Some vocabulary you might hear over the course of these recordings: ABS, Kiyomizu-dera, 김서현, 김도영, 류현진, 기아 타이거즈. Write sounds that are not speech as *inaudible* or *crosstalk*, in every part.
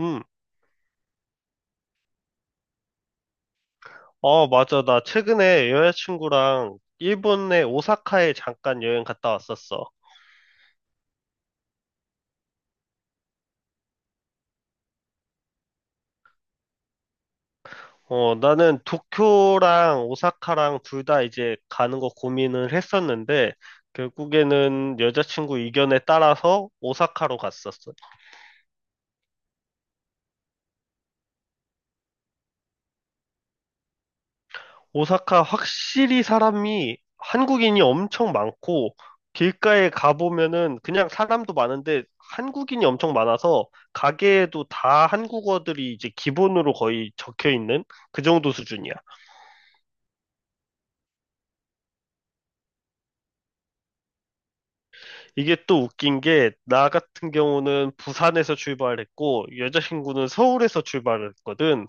음. 맞아. 나 최근에 여자친구랑 일본의 오사카에 잠깐 여행 갔다 왔었어. 어, 나는 도쿄랑 오사카랑 둘 다 이제 가는 거 고민을 했었는데, 결국에는 여자친구 의견에 따라서 오사카로 갔었어. 오사카 확실히 사람이 한국인이 엄청 많고 길가에 가보면은 그냥 사람도 많은데 한국인이 엄청 많아서 가게에도 다 한국어들이 이제 기본으로 거의 적혀 있는 그 정도 수준이야. 이게 또 웃긴 게 나 같은 경우는 부산에서 출발했고 여자친구는 서울에서 출발했거든.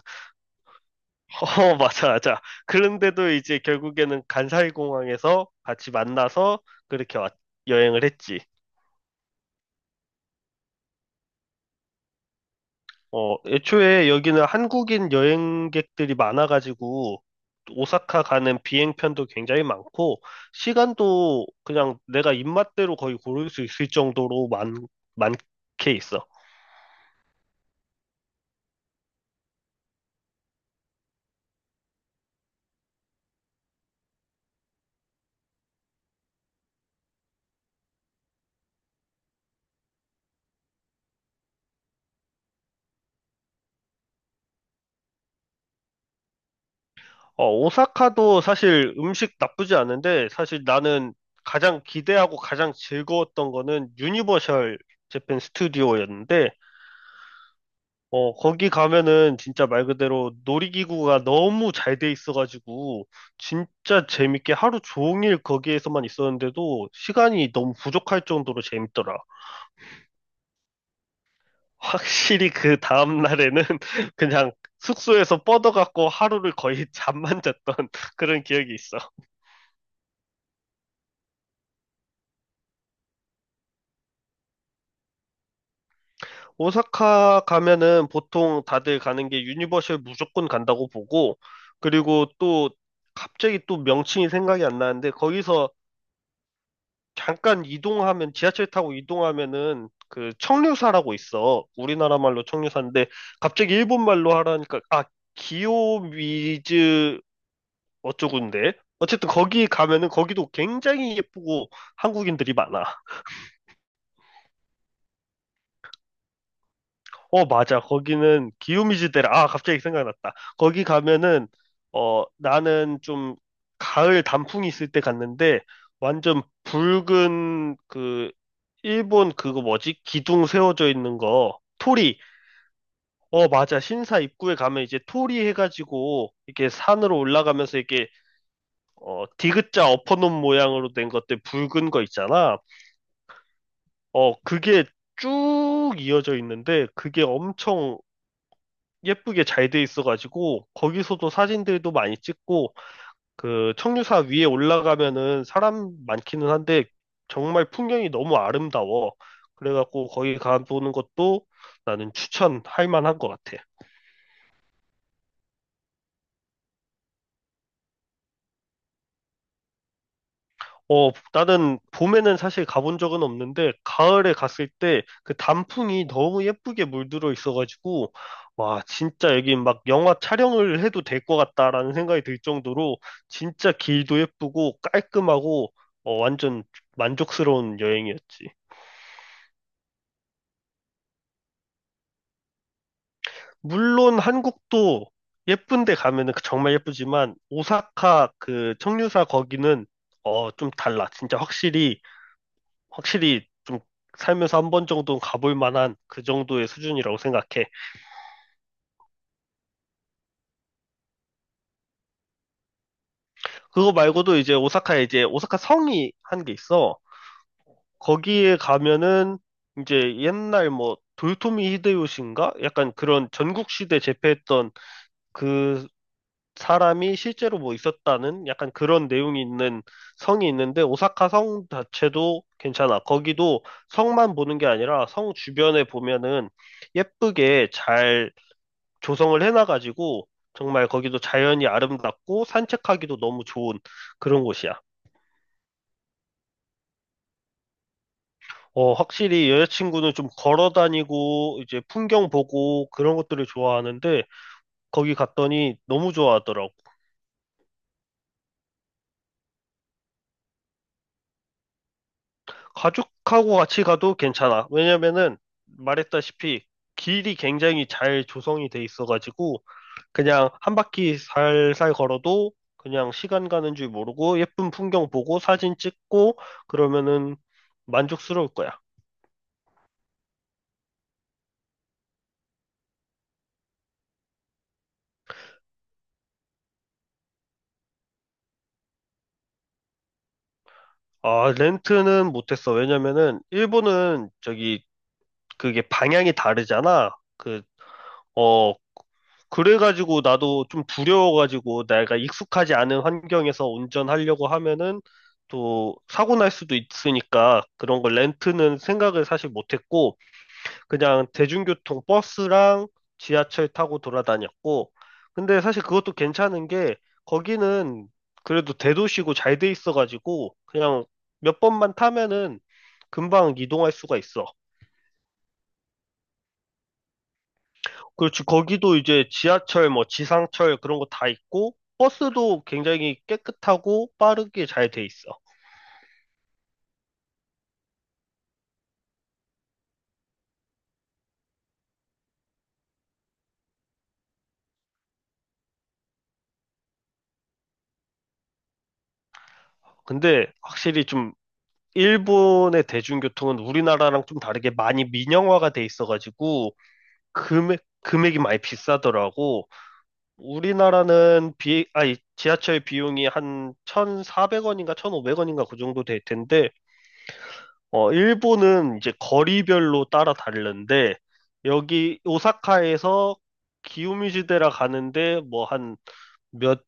*laughs* 어, 맞아, 맞아. 그런데도 이제 결국에는 간사이공항에서 같이 만나서 그렇게 왔, 여행을 했지. 애초에 여기는 한국인 여행객들이 많아가지고, 오사카 가는 비행편도 굉장히 많고, 시간도 그냥 내가 입맛대로 거의 고를 수 있을 정도로 많게 있어. 어, 오사카도 사실 음식 나쁘지 않은데, 사실 나는 가장 기대하고 가장 즐거웠던 거는 유니버셜 재팬 스튜디오였는데, 거기 가면은 진짜 말 그대로 놀이기구가 너무 잘 돼 있어가지고, 진짜 재밌게 하루 종일 거기에서만 있었는데도 시간이 너무 부족할 정도로 재밌더라. 확실히 그 다음날에는 *laughs* 그냥 숙소에서 뻗어갖고 하루를 거의 잠만 잤던 *laughs* 그런 기억이 있어. 오사카 가면은 보통 다들 가는 게 유니버셜 무조건 간다고 보고, 그리고 또 갑자기 또 명칭이 생각이 안 나는데, 거기서 잠깐 이동하면 지하철 타고 이동하면은 그 청류사라고 있어. 우리나라 말로 청류사인데 갑자기 일본 말로 하라니까 아 기요미즈 어쩌군데. 어쨌든 거기 가면은 거기도 굉장히 예쁘고 한국인들이 많아. 어, 맞아. 거기는 기요미즈데라. 아, 갑자기 생각났다. 거기 가면은, 나는 좀 가을 단풍이 있을 때 갔는데, 완전 붉은 그, 일본 그거 뭐지? 기둥 세워져 있는 거. 토리. 어, 맞아. 신사 입구에 가면 이제 토리 해가지고, 이렇게 산으로 올라가면서 이렇게, 디귿자 엎어놓은 모양으로 된 것들 붉은 거 있잖아. 그게 쭉 이어져 있는데, 그게 엄청 예쁘게 잘 돼 있어가지고 거기서도 사진들도 많이 찍고 그 청류사 위에 올라가면은 사람 많기는 한데 정말 풍경이 너무 아름다워. 그래가지고 거기 가보는 것도 나는 추천할 만한 것 같아. 나는 봄에는 사실 가본 적은 없는데, 가을에 갔을 때 그 단풍이 너무 예쁘게 물들어 있어가지고, 와, 진짜 여기 막 영화 촬영을 해도 될 것 같다라는 생각이 들 정도로, 진짜 길도 예쁘고 깔끔하고, 완전 만족스러운 여행이었지. 물론 한국도 예쁜데 가면은 그 정말 예쁘지만, 오사카 그 청류사 거기는, 좀 달라. 진짜 확실히 좀 살면서 한 번 정도는 가볼 만한 그 정도의 수준이라고 생각해. 그거 말고도 이제 오사카에 이제 오사카 성이 한 게 있어. 거기에 가면은 이제 옛날 뭐 도요토미 히데요시인가? 약간 그런 전국 시대 제패했던 그 사람이 실제로 뭐 있었다는 약간 그런 내용이 있는 성이 있는데 오사카 성 자체도 괜찮아. 거기도 성만 보는 게 아니라 성 주변에 보면은 예쁘게 잘 조성을 해놔가지고 정말 거기도 자연이 아름답고 산책하기도 너무 좋은 그런 곳이야. 어, 확실히 여자친구는 좀 걸어 다니고 이제 풍경 보고 그런 것들을 좋아하는데 거기 갔더니 너무 좋아하더라고. 가족하고 같이 가도 괜찮아. 왜냐면은 말했다시피 길이 굉장히 잘 조성이 돼 있어가지고 그냥 한 바퀴 살살 걸어도 그냥 시간 가는 줄 모르고 예쁜 풍경 보고 사진 찍고 그러면은 만족스러울 거야. 아, 렌트는 못했어. 왜냐면은, 일본은 저기, 그게 방향이 다르잖아. 그, 어, 그래가지고 나도 좀 두려워가지고 내가 익숙하지 않은 환경에서 운전하려고 하면은 또 사고 날 수도 있으니까 그런 걸 렌트는 생각을 사실 못했고, 그냥 대중교통 버스랑 지하철 타고 돌아다녔고, 근데 사실 그것도 괜찮은 게 거기는 그래도 대도시고 잘 돼 있어가지고 그냥 몇 번만 타면은 금방 이동할 수가 있어. 그렇지, 거기도 이제 지하철, 뭐 지상철 그런 거 다 있고, 버스도 굉장히 깨끗하고 빠르게 잘 돼 있어. 근데 확실히 좀 일본의 대중교통은 우리나라랑 좀 다르게 많이 민영화가 돼 있어가지고, 금액이 많이 비싸더라고. 우리나라는 아니, 지하철 비용이 한 1,400원인가 1,500원인가 그 정도 될 텐데, 일본은 이제 거리별로 따라 다른데, 여기 오사카에서 기요미즈데라 가는데 뭐 한 몇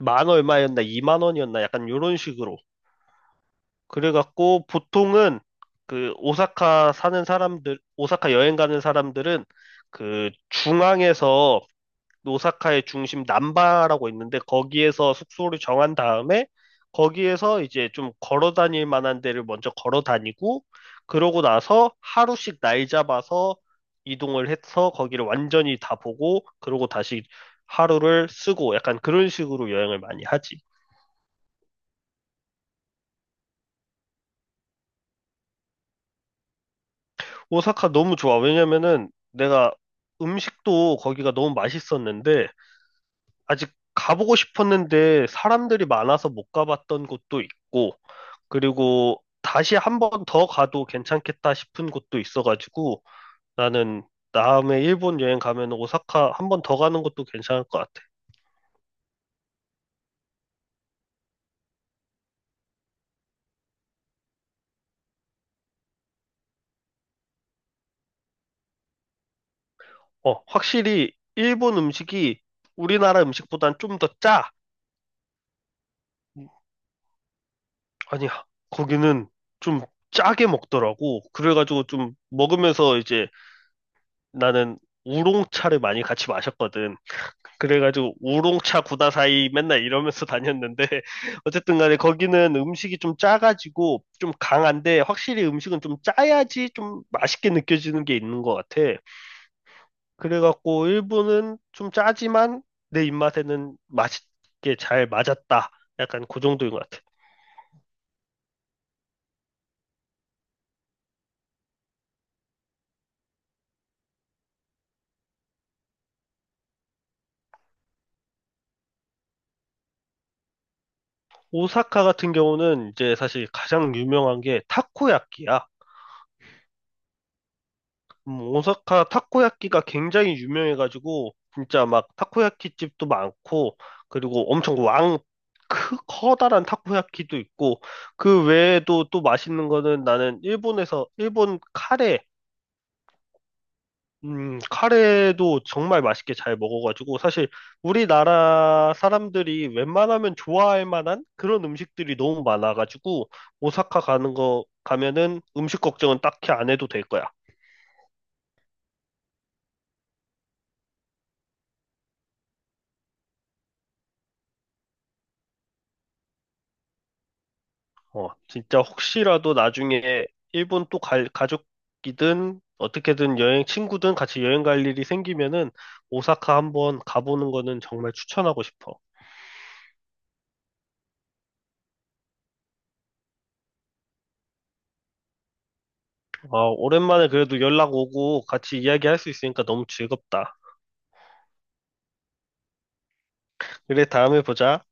만 얼마였나 2만 원이었나 약간 요런 식으로. 그래갖고 보통은 그 오사카 사는 사람들, 오사카 여행 가는 사람들은 그 중앙에서 오사카의 중심 남바라고 있는데 거기에서 숙소를 정한 다음에 거기에서 이제 좀 걸어 다닐 만한 데를 먼저 걸어 다니고 그러고 나서 하루씩 날 잡아서 이동을 해서 거기를 완전히 다 보고 그러고 다시 하루를 쓰고 약간 그런 식으로 여행을 많이 하지. 오사카 너무 좋아. 왜냐면은 내가 음식도 거기가 너무 맛있었는데 아직 가보고 싶었는데 사람들이 많아서 못 가봤던 곳도 있고 그리고 다시 한 번 더 가도 괜찮겠다 싶은 곳도 있어가지고 나는 다음에 일본 여행 가면 오사카 한 번 더 가는 것도 괜찮을 것 같아. 어, 확실히 일본 음식이 우리나라 음식보단 좀 더 짜. 아니야, 거기는 좀 짜게 먹더라고. 그래가지고 좀 먹으면서 이제 나는 우롱차를 많이 같이 마셨거든. 그래가지고 우롱차 구다사이 맨날 이러면서 다녔는데 *laughs* 어쨌든 간에 거기는 음식이 좀 짜가지고 좀 강한데 확실히 음식은 좀 짜야지 좀 맛있게 느껴지는 게 있는 것 같아. 그래갖고 일본은 좀 짜지만 내 입맛에는 맛있게 잘 맞았다. 약간 그 정도인 것 같아. 오사카 같은 경우는 이제 사실 가장 유명한 게 타코야끼야. 오사카 타코야끼가 굉장히 유명해가지고 진짜 막 타코야끼 집도 많고 그리고 엄청 왕 커다란 타코야끼도 있고 그 외에도 또 맛있는 거는 나는 일본에서 일본 카레 카레도 정말 맛있게 잘 먹어가지고 사실 우리나라 사람들이 웬만하면 좋아할 만한 그런 음식들이 너무 많아가지고 오사카 가는 거 가면은 음식 걱정은 딱히 안 해도 될 거야. 진짜 혹시라도 나중에 일본 또 가족이든 어떻게든 여행 친구든 같이 여행 갈 일이 생기면은 오사카 한번 가보는 거는 정말 추천하고 싶어. 어, 오랜만에 그래도 연락 오고 같이 이야기할 수 있으니까 너무 즐겁다. 그래, 다음에 보자.